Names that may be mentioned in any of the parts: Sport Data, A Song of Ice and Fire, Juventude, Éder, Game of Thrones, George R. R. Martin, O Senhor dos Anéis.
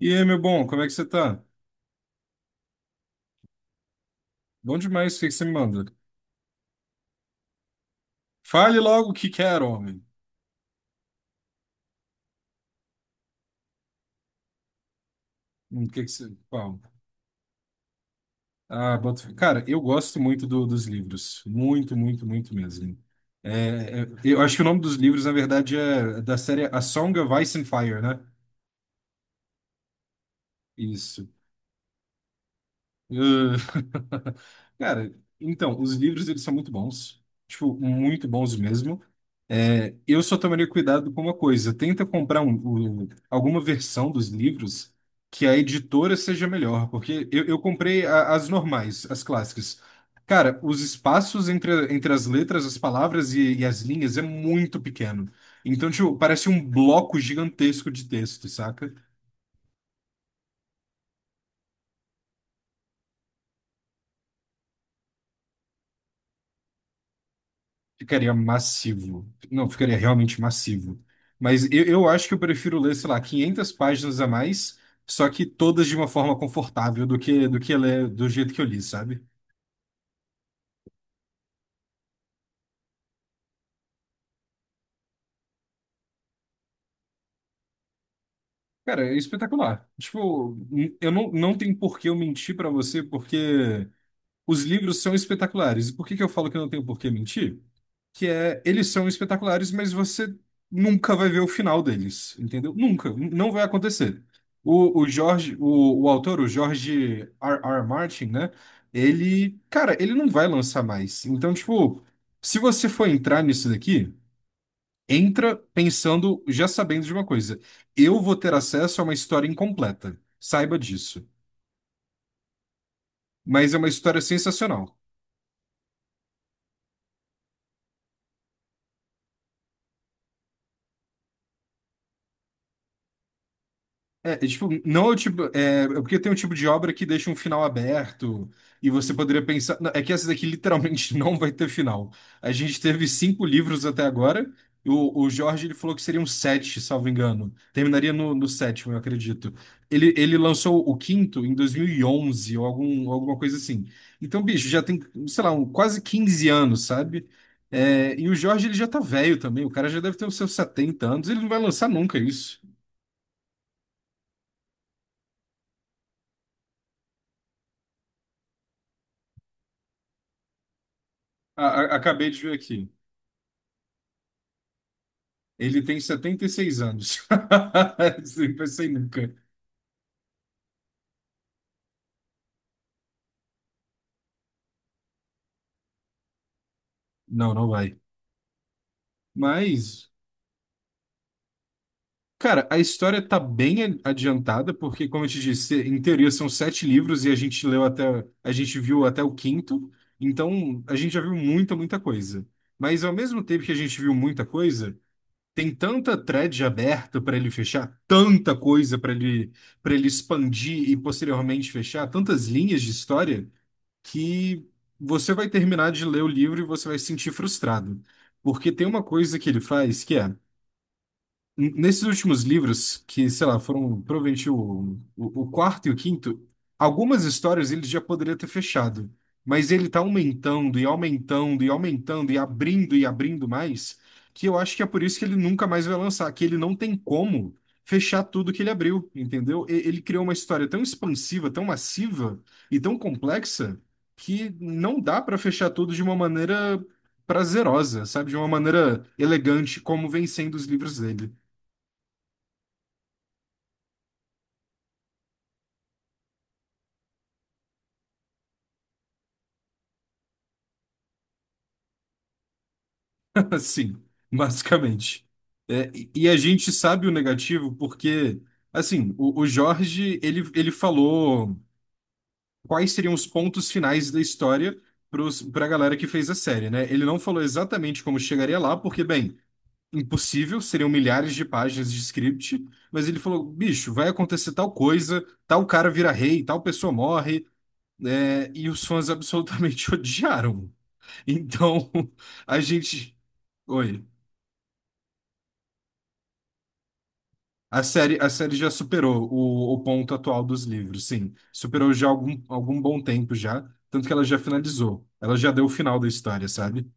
E aí, meu bom, como é que você tá? Bom demais, o que que você me manda? Fale logo o que quer, homem. O que que você. Qual? Ah, boto fé. Cara, eu gosto muito dos livros. Muito, muito, muito mesmo. Eu acho que o nome dos livros, na verdade, é da série A Song of Ice and Fire, né? Isso. Uh, Cara, então, os livros, eles são muito bons. Tipo, muito bons mesmo. É, eu só tomaria cuidado com uma coisa. Tenta comprar alguma versão dos livros que a editora seja melhor, porque eu comprei as normais, as clássicas. Cara, os espaços entre as letras, as palavras e as linhas é muito pequeno. Então, tipo, parece um bloco gigantesco de texto, saca? Ficaria massivo. Não, ficaria realmente massivo. Mas eu acho que eu prefiro ler, sei lá, 500 páginas a mais, só que todas de uma forma confortável do que ler do jeito que eu li, sabe? Cara, é espetacular. Tipo, eu não tenho por que eu mentir pra você, porque os livros são espetaculares. E por que que eu falo que eu não tenho por que mentir? Que é eles são espetaculares, mas você nunca vai ver o final deles, entendeu? Nunca, não vai acontecer. O Jorge, o autor, o George R. R. Martin, né? Ele, cara, ele não vai lançar mais. Então, tipo, se você for entrar nisso daqui, entra pensando, já sabendo de uma coisa. Eu vou ter acesso a uma história incompleta. Saiba disso. Mas é uma história sensacional. Tipo, não é o tipo. É porque tem um tipo de obra que deixa um final aberto, e você poderia pensar, não. É que essa daqui literalmente não vai ter final. A gente teve cinco livros até agora. O Jorge ele falou que seriam sete, salvo engano. Terminaria no sétimo, eu acredito. Ele lançou o quinto em 2011 ou alguma coisa assim. Então, bicho, já tem, sei lá, quase 15 anos, sabe? É, e o Jorge ele já tá velho também. O cara já deve ter os seus 70 anos. Ele não vai lançar nunca. Acabei de ver aqui. Ele tem 76 anos. Isso eu não pensei nunca. Não, não vai. Mas, cara, a história tá bem adiantada, porque, como eu te disse, em teoria são sete livros e a gente viu até o quinto, então a gente já viu muita, muita coisa. Mas ao mesmo tempo que a gente viu muita coisa, tem tanta thread aberta para ele fechar, tanta coisa para ele expandir e posteriormente fechar, tantas linhas de história que você vai terminar de ler o livro e você vai se sentir frustrado. Porque tem uma coisa que ele faz que é, nesses últimos livros, que, sei lá, foram provavelmente o quarto e o quinto, algumas histórias ele já poderia ter fechado. Mas ele tá aumentando e aumentando e aumentando e abrindo mais, que eu acho que é por isso que ele nunca mais vai lançar, que ele não tem como fechar tudo que ele abriu, entendeu? Ele criou uma história tão expansiva, tão massiva e tão complexa que não dá para fechar tudo de uma maneira prazerosa, sabe? De uma maneira elegante, como vem sendo os livros dele. Assim, basicamente. É, e a gente sabe o negativo porque, assim, o Jorge, ele falou quais seriam os pontos finais da história para a galera que fez a série, né? Ele não falou exatamente como chegaria lá, porque, bem, impossível, seriam milhares de páginas de script, mas ele falou, bicho, vai acontecer tal coisa, tal cara vira rei, tal pessoa morre, né? E os fãs absolutamente odiaram. Então, a gente. Oi. A série já superou o ponto atual dos livros, sim. Superou já algum bom tempo já, tanto que ela já finalizou. Ela já deu o final da história, sabe?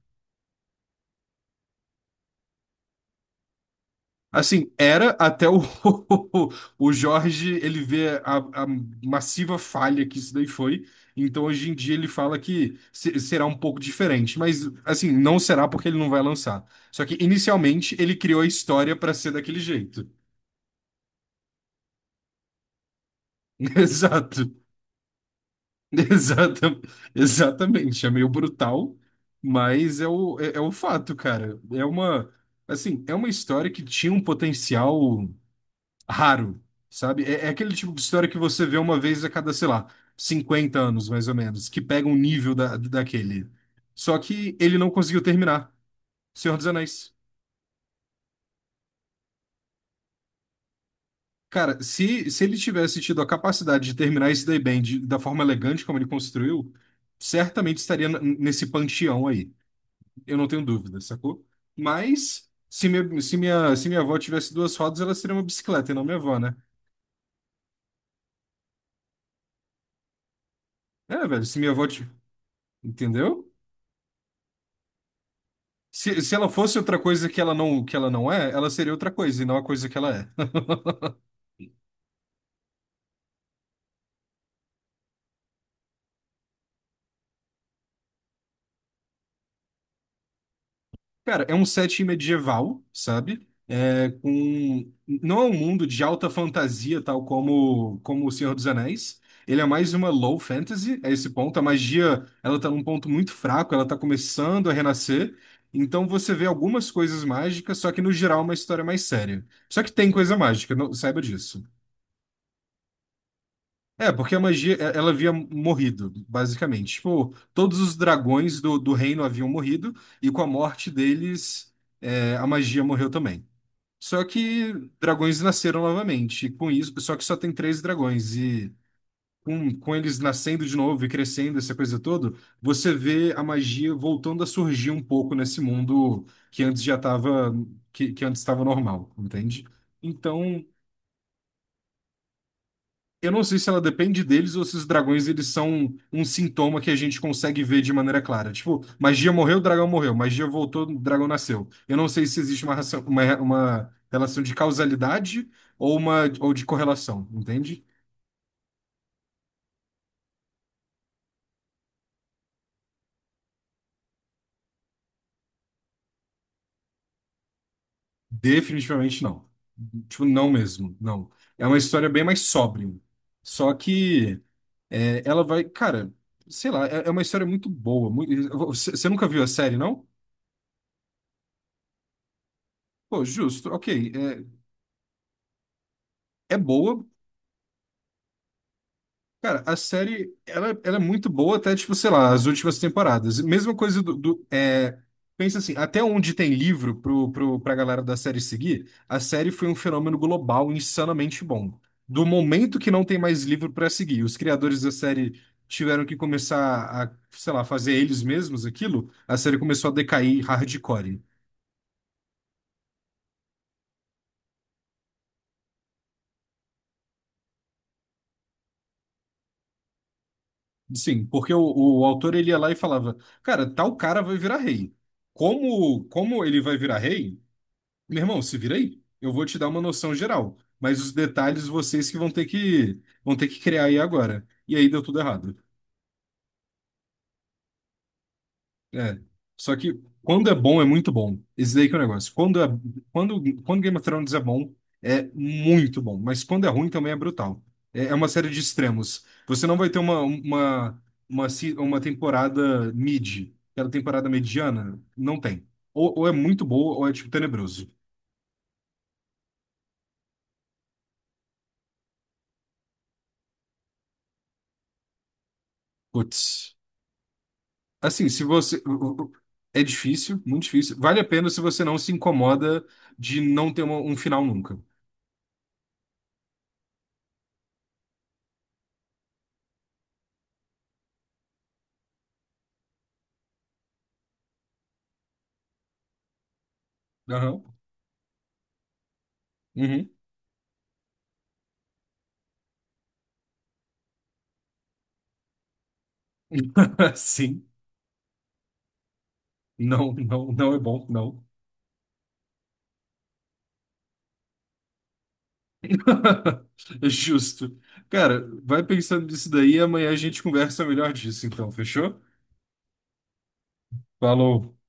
Assim, era até o, o Jorge, ele vê a massiva falha que isso daí foi. Então, hoje em dia, ele fala que será um pouco diferente. Mas, assim, não será porque ele não vai lançar. Só que, inicialmente, ele criou a história para ser daquele jeito. Exato. Exata, exatamente, é meio brutal, mas é o fato, cara. É uma, assim, é uma história que tinha um potencial raro, sabe? É aquele tipo de história que você vê uma vez a cada, sei lá, 50 anos, mais ou menos, que pega um nível daquele. Só que ele não conseguiu terminar. Senhor dos Anéis. Cara, se ele tivesse tido a capacidade de terminar isso daí bem, da forma elegante como ele construiu, certamente estaria nesse panteão aí. Eu não tenho dúvida, sacou? Mas se minha avó tivesse duas rodas, ela seria uma bicicleta e não minha avó, né? É, velho, se minha avó. Entendeu? Se ela fosse outra coisa que ela não é, ela seria outra coisa e não a coisa que ela é. Cara, é um setting medieval, sabe? É, com. Não é um mundo de alta fantasia, tal como O Senhor dos Anéis. Ele é mais uma low fantasy, a esse ponto. A magia, ela tá num ponto muito fraco, ela tá começando a renascer. Então você vê algumas coisas mágicas, só que no geral é uma história mais séria. Só que tem coisa mágica, não, saiba disso. É, porque a magia, ela havia morrido, basicamente. Tipo, todos os dragões do reino haviam morrido, e com a morte deles, é, a magia morreu também. Só que dragões nasceram novamente, e com isso, só que só tem três dragões, e com eles nascendo de novo e crescendo, essa coisa toda, você vê a magia voltando a surgir um pouco nesse mundo que antes já estava, que antes estava normal, entende? Então, eu não sei se ela depende deles ou se os dragões eles são um sintoma que a gente consegue ver de maneira clara. Tipo, magia morreu, o dragão morreu. Magia voltou, o dragão nasceu. Eu não sei se existe uma relação de causalidade ou de correlação, entende? Definitivamente não. Tipo, não mesmo, não. É uma história bem mais sóbria. Só que é, ela vai, cara, sei lá, é, é uma história muito boa. Você nunca viu a série, não? Pô, justo, ok. É boa. Cara, a série, ela é muito boa até, tipo, sei lá, as últimas temporadas. Mesma coisa do. Pensa assim, até onde tem livro pra galera da série seguir, a série foi um fenômeno global insanamente bom. Do momento que não tem mais livro pra seguir, os criadores da série tiveram que começar a, sei lá, fazer eles mesmos aquilo, a série começou a decair hardcore. Sim, porque o autor, ele ia lá e falava, cara, tal cara vai virar rei. Como ele vai virar rei? Meu irmão, se vira aí. Eu vou te dar uma noção geral, mas os detalhes vocês que vão ter que criar aí agora. E aí deu tudo errado. É. Só que quando é bom é muito bom. Esse daí que é o negócio. Quando Game of Thrones é bom, é muito bom, mas quando é ruim também é brutal. É uma série de extremos. Você não vai ter uma, se- uma temporada mid, aquela temporada mediana, não tem. Ou é muito boa ou é tipo tenebroso. Putz. Assim, se você. É difícil, muito difícil. Vale a pena se você não se incomoda de não ter um final nunca. Aham. Uhum. Sim. Não, não, não é bom, não. Justo. Cara, vai pensando nisso daí, amanhã a gente conversa melhor disso, então, fechou? Falou.